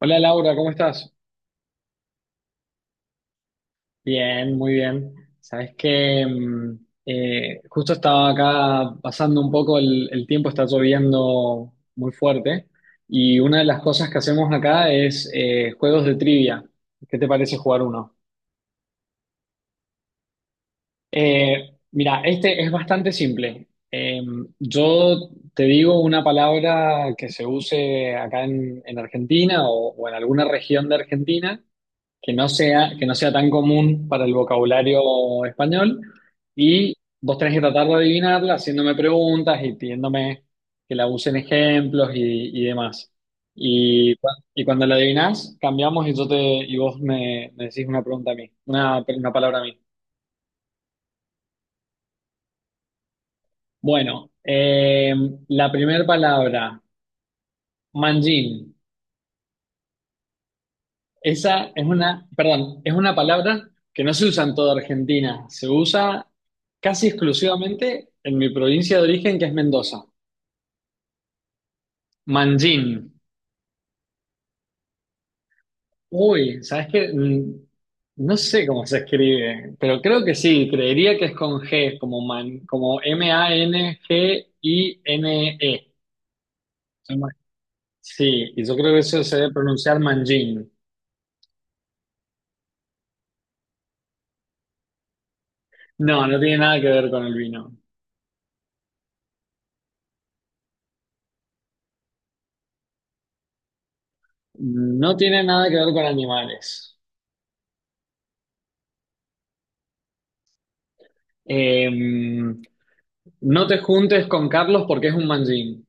Hola Laura, ¿cómo estás? Bien, muy bien. Sabes que justo estaba acá pasando un poco el tiempo, está lloviendo muy fuerte y una de las cosas que hacemos acá es juegos de trivia. ¿Qué te parece jugar uno? Mira, este es bastante simple. Yo te digo una palabra que se use acá en Argentina o en alguna región de Argentina que no sea tan común para el vocabulario español. Y vos tenés que tratar de adivinarla haciéndome preguntas y pidiéndome que la usen ejemplos y demás. Y, y cuando la adivinás, cambiamos y y me decís una pregunta a mí, una palabra a mí. Bueno, la primera palabra, manjín. Esa es una, perdón, es una palabra que no se usa en toda Argentina, se usa casi exclusivamente en mi provincia de origen, que es Mendoza. Manjín. Uy, ¿sabes qué? No sé cómo se escribe, pero creo que sí, creería que es con G, como man, como M-A-N-G-I-N-E. Sí, y yo creo que eso se debe pronunciar manjín. No, no tiene nada que ver con el vino. No tiene nada que ver con animales. Eh, No te juntes con Carlos porque es un manjín.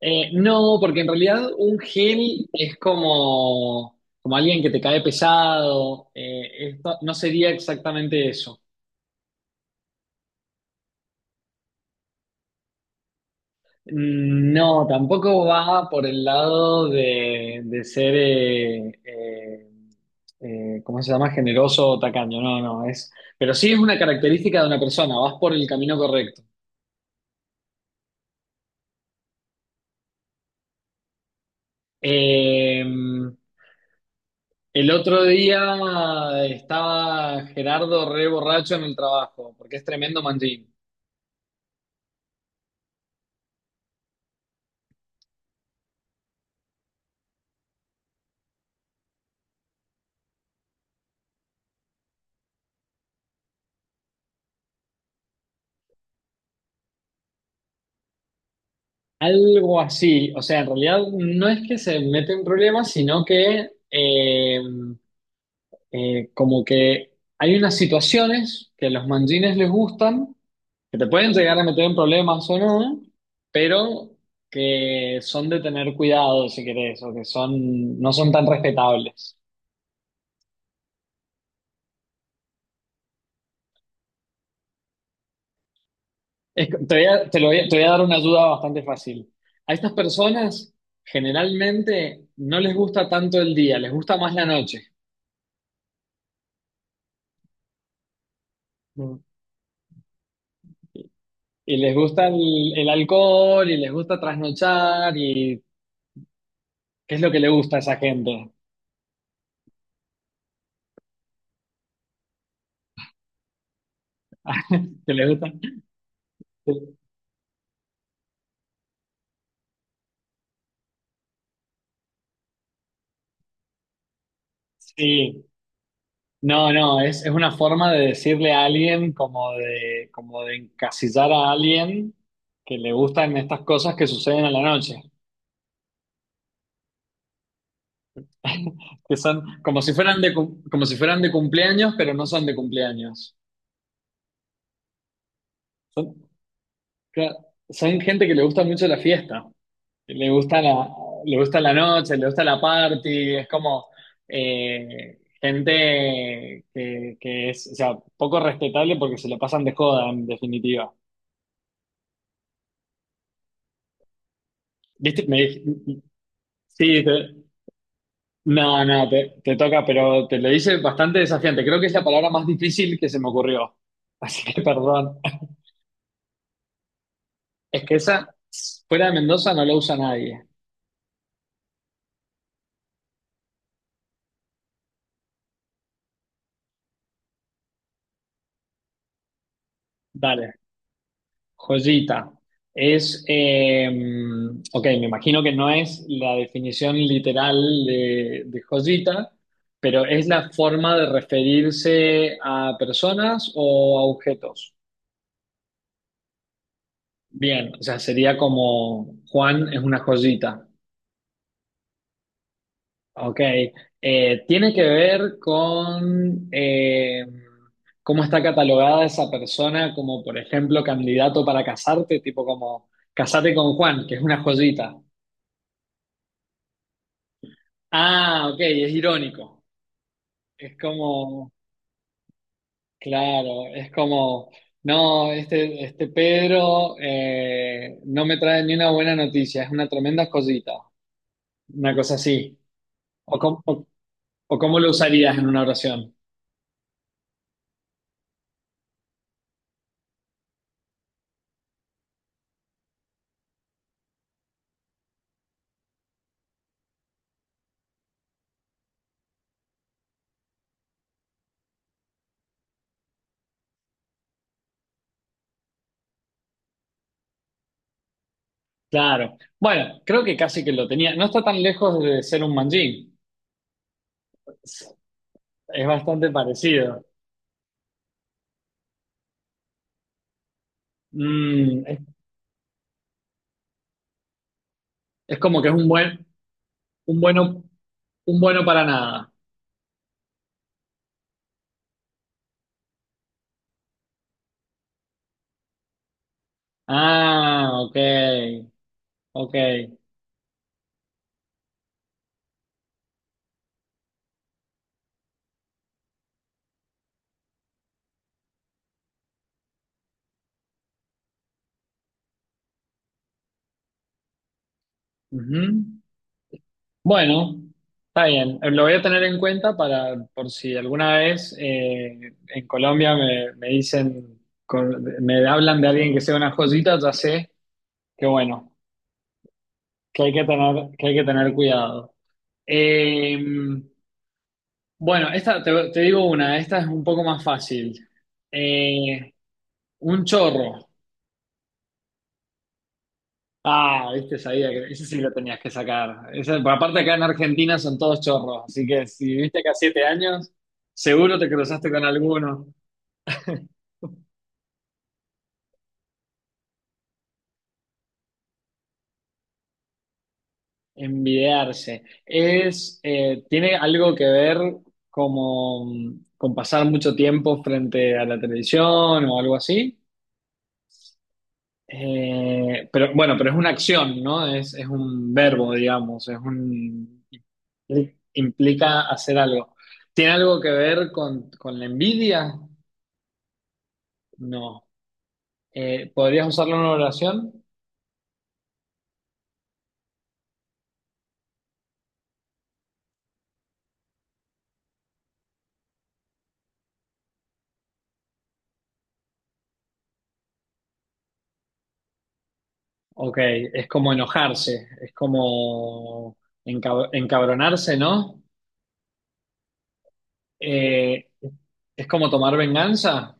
No, porque en realidad un gil es como, como alguien que te cae pesado. Eh, esto no sería exactamente eso. No, tampoco va por el lado de ser, ¿cómo se llama? Generoso o tacaño. No, no, es. Pero sí es una característica de una persona, vas por el camino correcto. Eh, El otro día estaba Gerardo re borracho en el trabajo, porque es tremendo manjín. Algo así, o sea, en realidad no es que se mete en problemas, sino que como que hay unas situaciones que a los manjines les gustan, que te pueden llegar a meter en problemas o no, pero que son de tener cuidado, si querés, o que son, no son tan respetables. Es que te voy a, te voy a dar una ayuda bastante fácil. A estas personas generalmente no les gusta tanto el día, les gusta más la noche. Mm. Y les gusta el alcohol y les gusta trasnochar y ¿qué es lo que le gusta a esa gente? ¿Qué le gusta? Sí. No, no, es una forma de decirle a alguien como de encasillar a alguien que le gustan estas cosas que suceden a la noche. Que son como si fueran de, como si fueran de cumpleaños, pero no son de cumpleaños. Son, cla- son gente que le gusta mucho la fiesta, que le gusta la noche, le gusta la party, es como gente que es, o sea, poco respetable porque se la pasan de joda, en definitiva. ¿Viste? Me dij- sí, te- No, no, te toca, pero te lo hice bastante desafiante. Creo que es la palabra más difícil que se me ocurrió. Así que perdón. Es que esa, fuera de Mendoza, no la usa nadie. Dale, joyita. Es, eh, ok, me imagino que no es la definición literal de joyita, pero es la forma de referirse a personas o a objetos. Bien, o sea, sería como Juan es una joyita. Ok, tiene que ver con cómo está catalogada esa persona como, por ejemplo, candidato para casarte, tipo como casate con Juan, que es una joyita. Ah, ok, es irónico. Es como, claro, es como, no, este Pedro no me trae ni una buena noticia, es una tremenda joyita, una cosa así. O, cómo- o o cómo lo usarías en una oración. Claro. Bueno, creo que casi que lo tenía. No está tan lejos de ser un manjín. Es es bastante parecido. Mm, es, es como que es un buen, un bueno, un bueno para nada. Ah, ok, ok. Ujú. Bueno, está bien. Lo voy a tener en cuenta para por si alguna vez en Colombia me dicen, me hablan de alguien que sea una joyita, ya sé que bueno, que hay que tener cuidado. Eh, bueno, te digo una, esta es un poco más fácil. Eh, un chorro. Ah, viste, sabía que ese sí lo tenías que sacar. Por aparte acá en Argentina son todos chorros, así que si viviste acá 7 años, seguro te cruzaste con alguno. Envidiarse. Tiene algo que ver como con pasar mucho tiempo frente a la televisión o algo así. Pero bueno, pero es una acción, ¿no? Es un verbo, digamos, es un implica hacer algo. ¿Tiene algo que ver con la envidia? No. ¿Podrías usarlo en una oración? Ok, es como enojarse, es como encabronarse, ¿no? Eh, es como tomar venganza.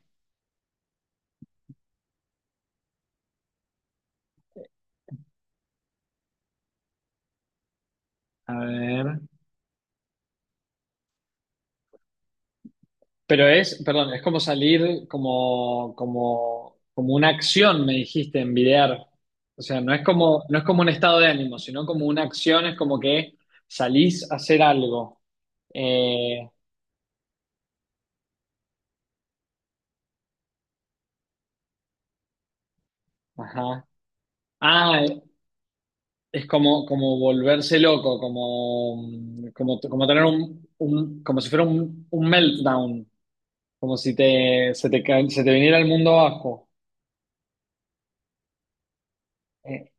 A ver. Pero es, perdón, es como salir como, como una acción, me dijiste, envidiar. O sea, no es como, no es como un estado de ánimo, sino como una acción, es como que salís a hacer algo. Eh, ajá. Ah, es como, como volverse loco, como, como, como tener un, como si fuera un meltdown, como si te, se te viniera el mundo abajo. Eh,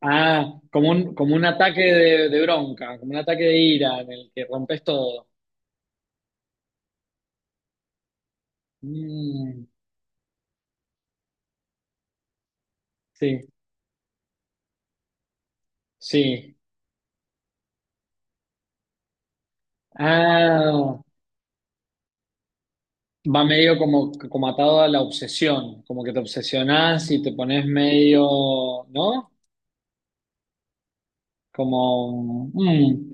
Ah, como un ataque de bronca, como un ataque de ira en el que rompes todo. Mm, sí, sí. Ah, va medio como, como atado a la obsesión, como que te obsesionás y te pones medio, ¿no? Como... mm.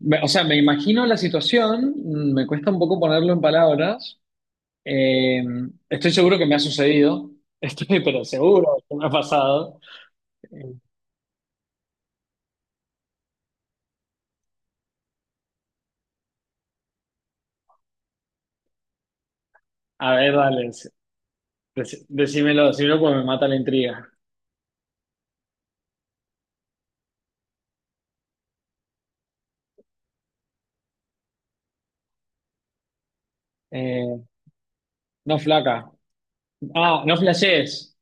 O sea, me imagino la situación, mm, me cuesta un poco ponerlo en palabras. Eh, Estoy seguro que me ha sucedido, estoy pero seguro que me ha pasado. Eh, a ver, dale, decímelo, decímelo porque me mata la intriga. Eh, no flaca. Ah, no flashees.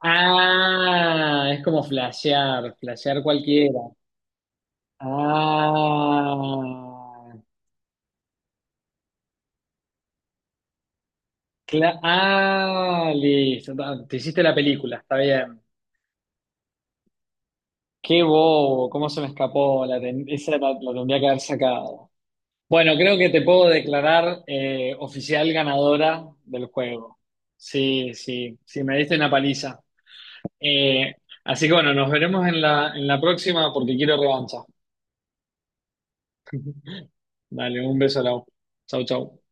Ah, es como flashear, flashear cualquiera. Ah, ah, listo. Te hiciste la película, está bien. Qué bobo, cómo se me escapó. Esa la tendría que haber sacado. Bueno, creo que te puedo declarar oficial ganadora del juego. Sí, sí, sí, me diste una paliza. Eh, Así que bueno, nos veremos en en la próxima porque quiero revancha. Dale, un beso, Lau. Chau, chau.